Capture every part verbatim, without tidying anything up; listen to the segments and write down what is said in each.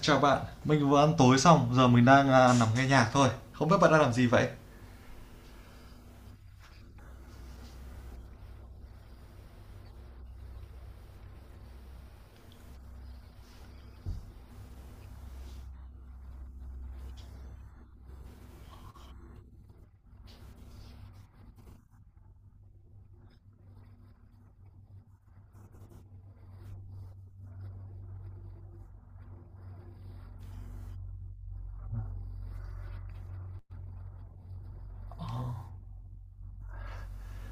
Chào bạn. Mình vừa ăn tối xong, giờ mình đang à, nằm nghe nhạc thôi, không biết bạn đang làm gì vậy?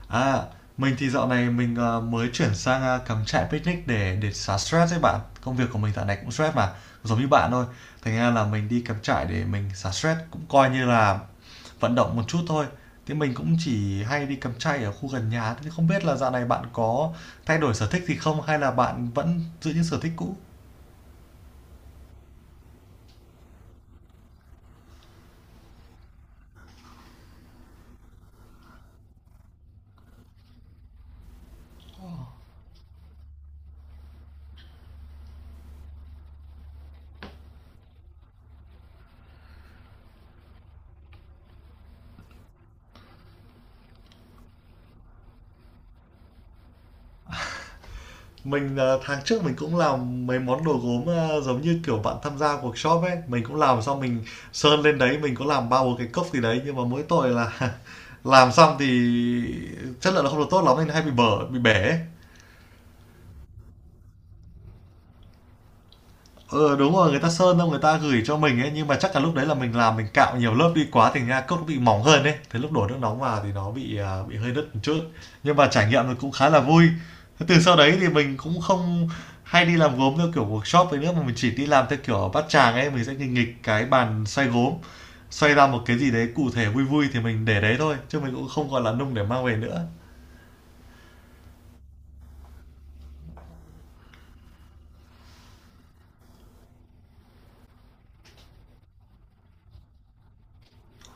À, mình thì dạo này mình à, mới chuyển sang à, cắm trại, picnic để để xả stress đấy bạn. Công việc của mình dạo này cũng stress mà, giống như bạn thôi. Thành ra là mình đi cắm trại để mình xả stress, cũng coi như là vận động một chút thôi. Thế mình cũng chỉ hay đi cắm trại ở khu gần nhà. Thế không biết là dạo này bạn có thay đổi sở thích gì không, hay là bạn vẫn giữ những sở thích cũ? Mình, ờ, tháng trước mình cũng làm mấy món đồ gốm, ơ, giống như, kiểu, bạn tham gia workshop ấy. Mình cũng làm xong mình sơn lên đấy, mình có làm bao bốn cái cốc gì đấy, nhưng mà mỗi tội là làm xong thì chất lượng nó không được tốt lắm, nên hay bị bở, bị bể ấy. Ừ, đúng rồi. Người ta sơn đâu người ta gửi cho mình ấy, nhưng mà chắc là lúc đấy là mình làm mình cạo nhiều lớp đi quá, thành ra cốc nó bị mỏng hơn ấy. Thế lúc đổ nước nóng vào thì nó bị à, bị hơi đứt một chút. Nhưng mà trải nghiệm thì cũng khá là vui. Thế từ sau đấy thì mình cũng không hay đi làm gốm theo kiểu workshop ấy nữa, mà mình chỉ đi làm theo kiểu ở bát tràng ấy. Mình sẽ nghịch nghịch cái bàn xoay gốm, xoay ra một cái gì đấy cụ thể vui vui thì mình để đấy thôi, chứ mình cũng không còn là nung để mang về nữa.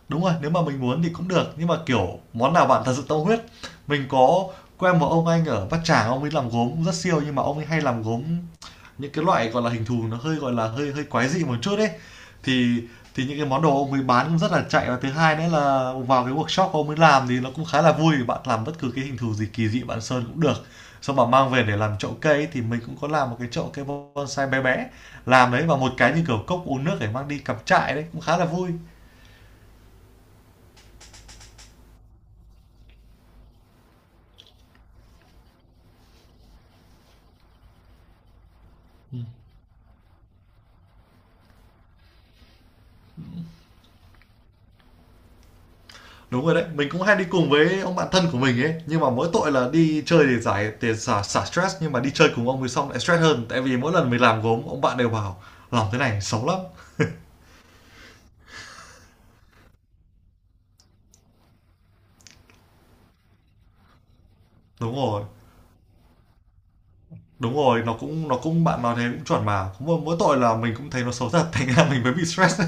Đúng rồi, nếu mà mình muốn thì cũng được, nhưng mà, kiểu, món nào bạn thật sự tâm huyết. Mình có quen một ông anh ở Bát Tràng, ông ấy làm gốm cũng rất siêu, nhưng mà ông ấy hay làm gốm những cái loại, gọi là, hình thù nó hơi, gọi là, hơi hơi quái dị một chút ấy. Thì thì những cái món đồ ông ấy bán cũng rất là chạy, và thứ hai nữa là vào cái workshop ông ấy làm thì nó cũng khá là vui, bạn làm bất cứ cái hình thù gì kỳ dị bạn sơn cũng được. Xong bạn mang về để làm chậu cây ấy, thì mình cũng có làm một cái chậu cây bonsai bé bé, làm đấy và một cái như kiểu cốc uống nước để mang đi cắm trại đấy, cũng khá là vui. Đúng rồi đấy, mình cũng hay đi cùng với ông bạn thân của mình ấy, nhưng mà mỗi tội là đi chơi để giải để xả xả stress, nhưng mà đi chơi cùng ông thì xong lại stress hơn, tại vì mỗi lần mình làm gốm ông bạn đều bảo làm thế này xấu lắm. Đúng rồi, đúng rồi, nó cũng nó cũng bạn nói thế cũng chuẩn mà, cũng mỗi mỗi tội là mình cũng thấy nó xấu thật, thành ra mình mới bị stress.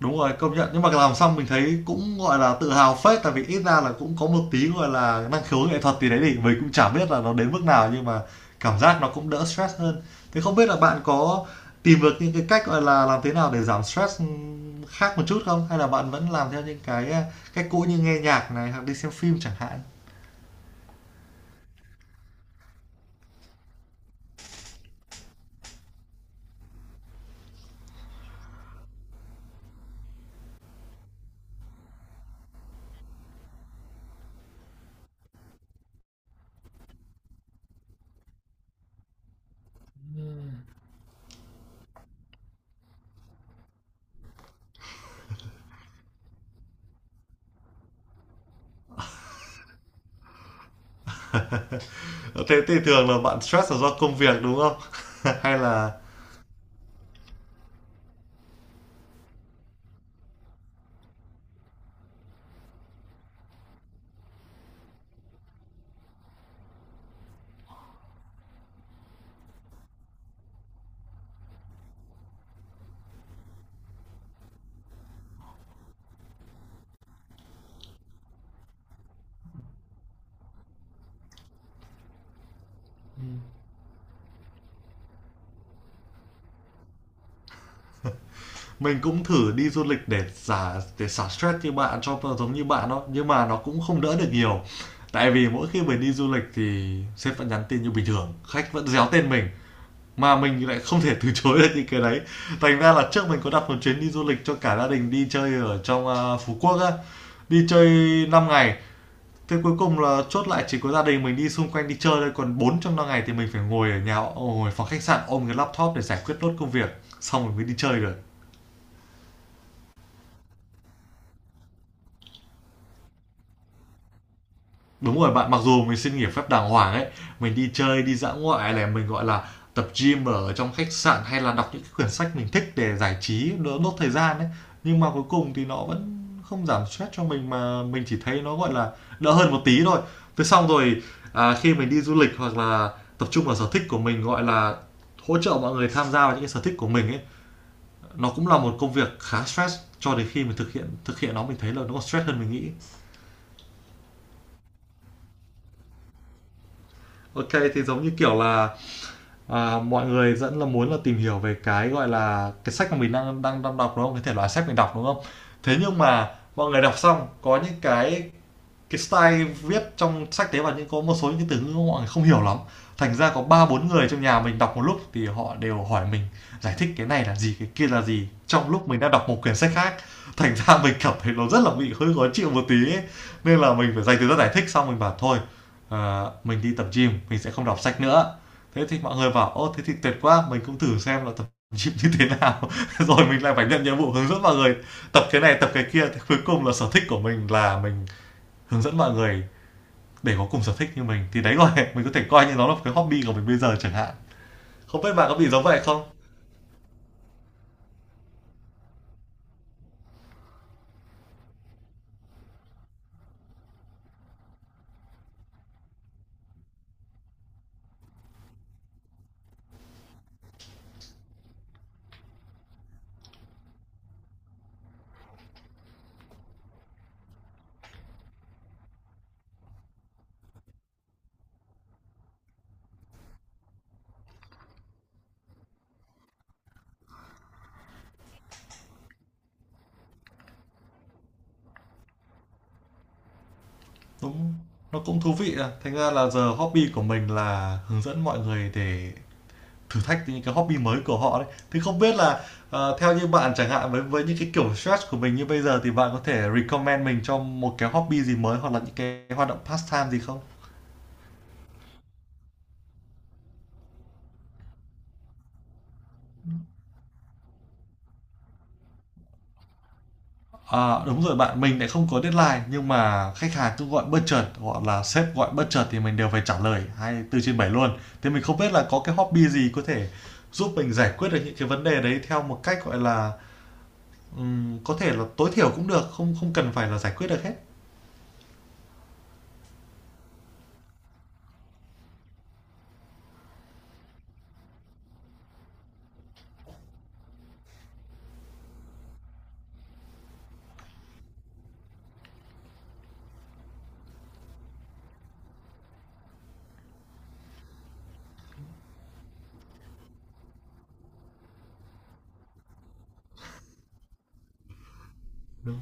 Đúng rồi, công nhận. Nhưng mà làm xong mình thấy cũng, gọi là, tự hào phết, tại vì ít ra là cũng có một tí, gọi là, năng khiếu nghệ thuật gì đấy thì mình cũng chả biết là nó đến mức nào, nhưng mà cảm giác nó cũng đỡ stress hơn. Thế không biết là bạn có tìm được những cái cách, gọi là, làm thế nào để giảm stress, ừm, khác một chút không? Hay là bạn vẫn làm theo những cái, a, cách cũ như nghe nhạc này, hoặc đi xem phim chẳng hạn? Ờ, thế thì thường là bạn stress là do công việc, đúng không? Hay là mình cũng thử đi du lịch để xả để xả stress như bạn, cho giống như bạn đó, nhưng mà nó cũng không đỡ được nhiều, tại vì mỗi khi mình đi du lịch thì sếp vẫn nhắn tin như bình thường, khách vẫn réo tên mình mà mình lại không thể từ chối được những cái đấy. Thành ra là trước mình có đặt một chuyến đi du lịch cho cả gia đình đi chơi ở trong à, Phú Quốc á, đi chơi năm ngày. Thế cuối cùng là chốt lại chỉ có gia đình mình đi xung quanh đi chơi thôi, còn bốn trong năm ngày thì mình phải ngồi ở nhà, ngồi phòng khách sạn ôm cái laptop để giải quyết nốt công việc, xong rồi mới đi chơi được. Đúng rồi bạn, mặc dù mình xin nghỉ phép đàng hoàng ấy, mình đi chơi, đi dã ngoại này, mình, gọi là, tập gym ở trong khách sạn hay là đọc những cái quyển sách mình thích để giải trí, đỡ đốt thời gian ấy. Nhưng mà cuối cùng thì nó vẫn không giảm stress cho mình mà mình chỉ thấy nó, gọi là, đỡ hơn một tí thôi. Thế xong rồi, à, khi mình đi du lịch hoặc là tập trung vào sở thích của mình, gọi là, hỗ trợ mọi người tham gia vào những cái sở thích của mình ấy, nó cũng là một công việc khá stress. Cho đến khi mình thực hiện thực hiện nó, mình thấy là nó còn stress hơn mình nghĩ. Ok, thì giống như kiểu là, à, mọi người rất là muốn là tìm hiểu về cái, gọi là, cái sách mà mình đang đang đang đọc, đúng không? Cái thể loại sách mình đọc, đúng không? Thế nhưng mà mọi người đọc xong có những cái cái style viết trong sách tế, và những có một số những từ ngữ mọi người không hiểu lắm. Thành ra có ba bốn người trong nhà mình đọc một lúc thì họ đều hỏi mình giải thích cái này là gì, cái kia là gì, trong lúc mình đang đọc một quyển sách khác. Thành ra mình cảm thấy nó rất là bị hơi khó chịu một tí ấy. Nên là mình phải dành thời gian giải thích, xong mình bảo thôi, à, mình đi tập gym mình sẽ không đọc sách nữa. Thế thì mọi người bảo: ô, thế thì tuyệt quá, mình cũng thử xem là tập gym như thế nào, rồi mình lại phải nhận nhiệm vụ hướng dẫn mọi người tập cái này tập cái kia. Thì cuối cùng là sở thích của mình là mình hướng dẫn mọi người để có cùng sở thích như mình, thì đấy, gọi mình có thể coi như nó là cái hobby của mình bây giờ chẳng hạn. Không biết bạn có bị giống vậy không? Đúng, nó cũng thú vị. À, thành ra là giờ hobby của mình là hướng dẫn mọi người để thử thách những cái hobby mới của họ đấy. Thì không biết là, ờ, theo như bạn chẳng hạn, với với những cái kiểu stress của mình như bây giờ, thì bạn có thể recommend mình cho một cái hobby gì mới, hoặc là những cái hoạt động pastime gì không? À, đúng rồi bạn, mình lại không có deadline, nhưng mà khách hàng cứ gọi bất chợt hoặc là sếp gọi bất chợt thì mình đều phải trả lời hai tư trên bảy luôn. Thế mình không biết là có cái hobby gì có thể giúp mình giải quyết được những cái vấn đề đấy theo một cách, gọi là, ừm, có thể là tối thiểu cũng được, không, không cần phải là giải quyết được hết. Đúng.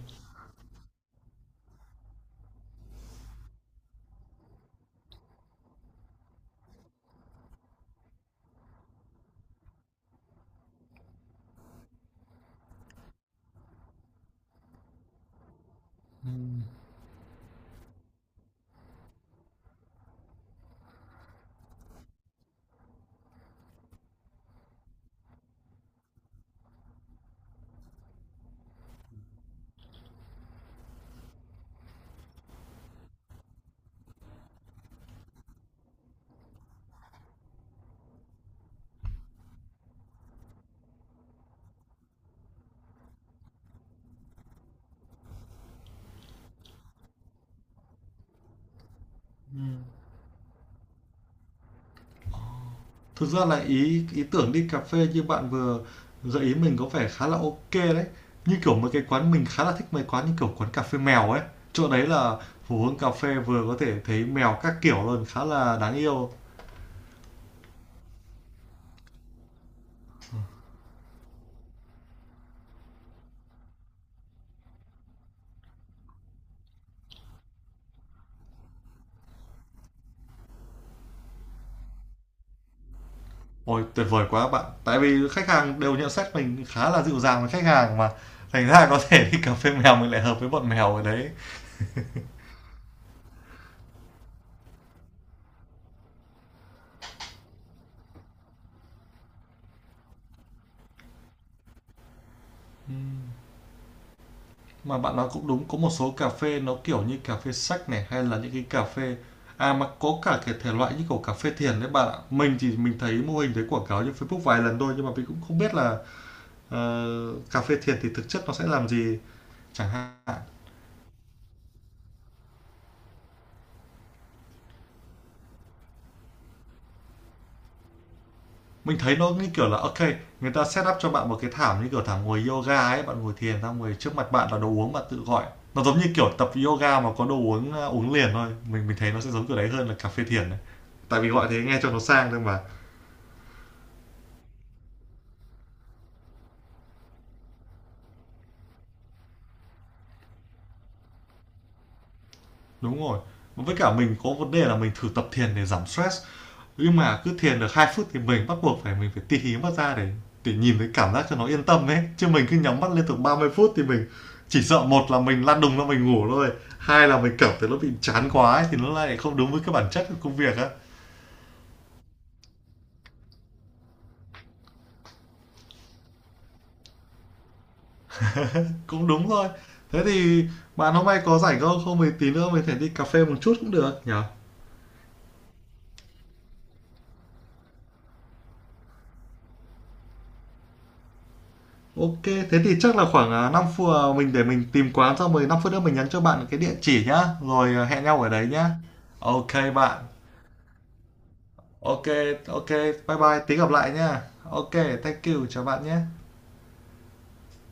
Ừm. Thực ra là ý ý tưởng đi cà phê như bạn vừa gợi ý mình có vẻ khá là ok đấy. Như kiểu mấy cái quán mình khá là thích, mấy quán như kiểu quán cà phê mèo ấy. Chỗ đấy là phố hướng cà phê, vừa có thể thấy mèo các kiểu luôn, khá là đáng yêu. Ôi, tuyệt vời quá bạn. Tại vì khách hàng đều nhận xét mình khá là dịu dàng với khách hàng mà. Thành ra có thể đi cà phê mèo, mình lại hợp với bọn mèo ở đấy. Mà bạn nói cũng đúng, có một số cà phê nó kiểu như cà phê sách này, hay là những cái cà phê, à mà có cả cái thể loại như kiểu cà phê thiền đấy bạn ạ. Mình thì mình thấy mô hình, thấy quảng cáo trên Facebook vài lần thôi, nhưng mà mình cũng không biết là, ờ, cà phê thiền thì thực chất nó sẽ làm gì chẳng hạn. Mình thấy nó như kiểu là ok, người ta set up cho bạn một cái thảm như kiểu thảm ngồi yoga ấy, bạn ngồi thiền ta ngồi, trước mặt bạn là đồ uống bạn tự gọi. Nó giống như kiểu tập yoga mà có đồ uống, ờ, uống liền thôi. Mình mình thấy nó sẽ giống kiểu đấy hơn là cà phê thiền đấy, tại vì gọi thế nghe cho nó sang thôi mà. Đúng rồi. Với cả mình có vấn đề là mình thử tập thiền để giảm stress, nhưng mà cứ thiền được hai phút thì mình bắt buộc phải mình phải tì hí mắt ra để để nhìn thấy cảm giác cho nó yên tâm ấy, chứ mình cứ nhắm mắt liên tục ba mươi phút thì mình chỉ sợ, một là mình lăn đùng ra mình ngủ thôi, hai là mình cảm thấy nó bị chán quá ấy, thì nó lại không đúng với cái bản chất của công việc á. Cũng đúng thôi. Thế thì bạn hôm nay có rảnh không? Không thì tí nữa mình thể đi cà phê một chút cũng được nhỉ? Ok, thế thì chắc là khoảng à, năm phút, à, mình để mình tìm quán, xong rồi năm phút nữa mình nhắn cho bạn cái địa chỉ nhá, rồi à, hẹn nhau ở đấy nhá. Ok bạn. Ok, ok, bye bye, tí gặp lại nhá. Ok, thank you, chào bạn nhé.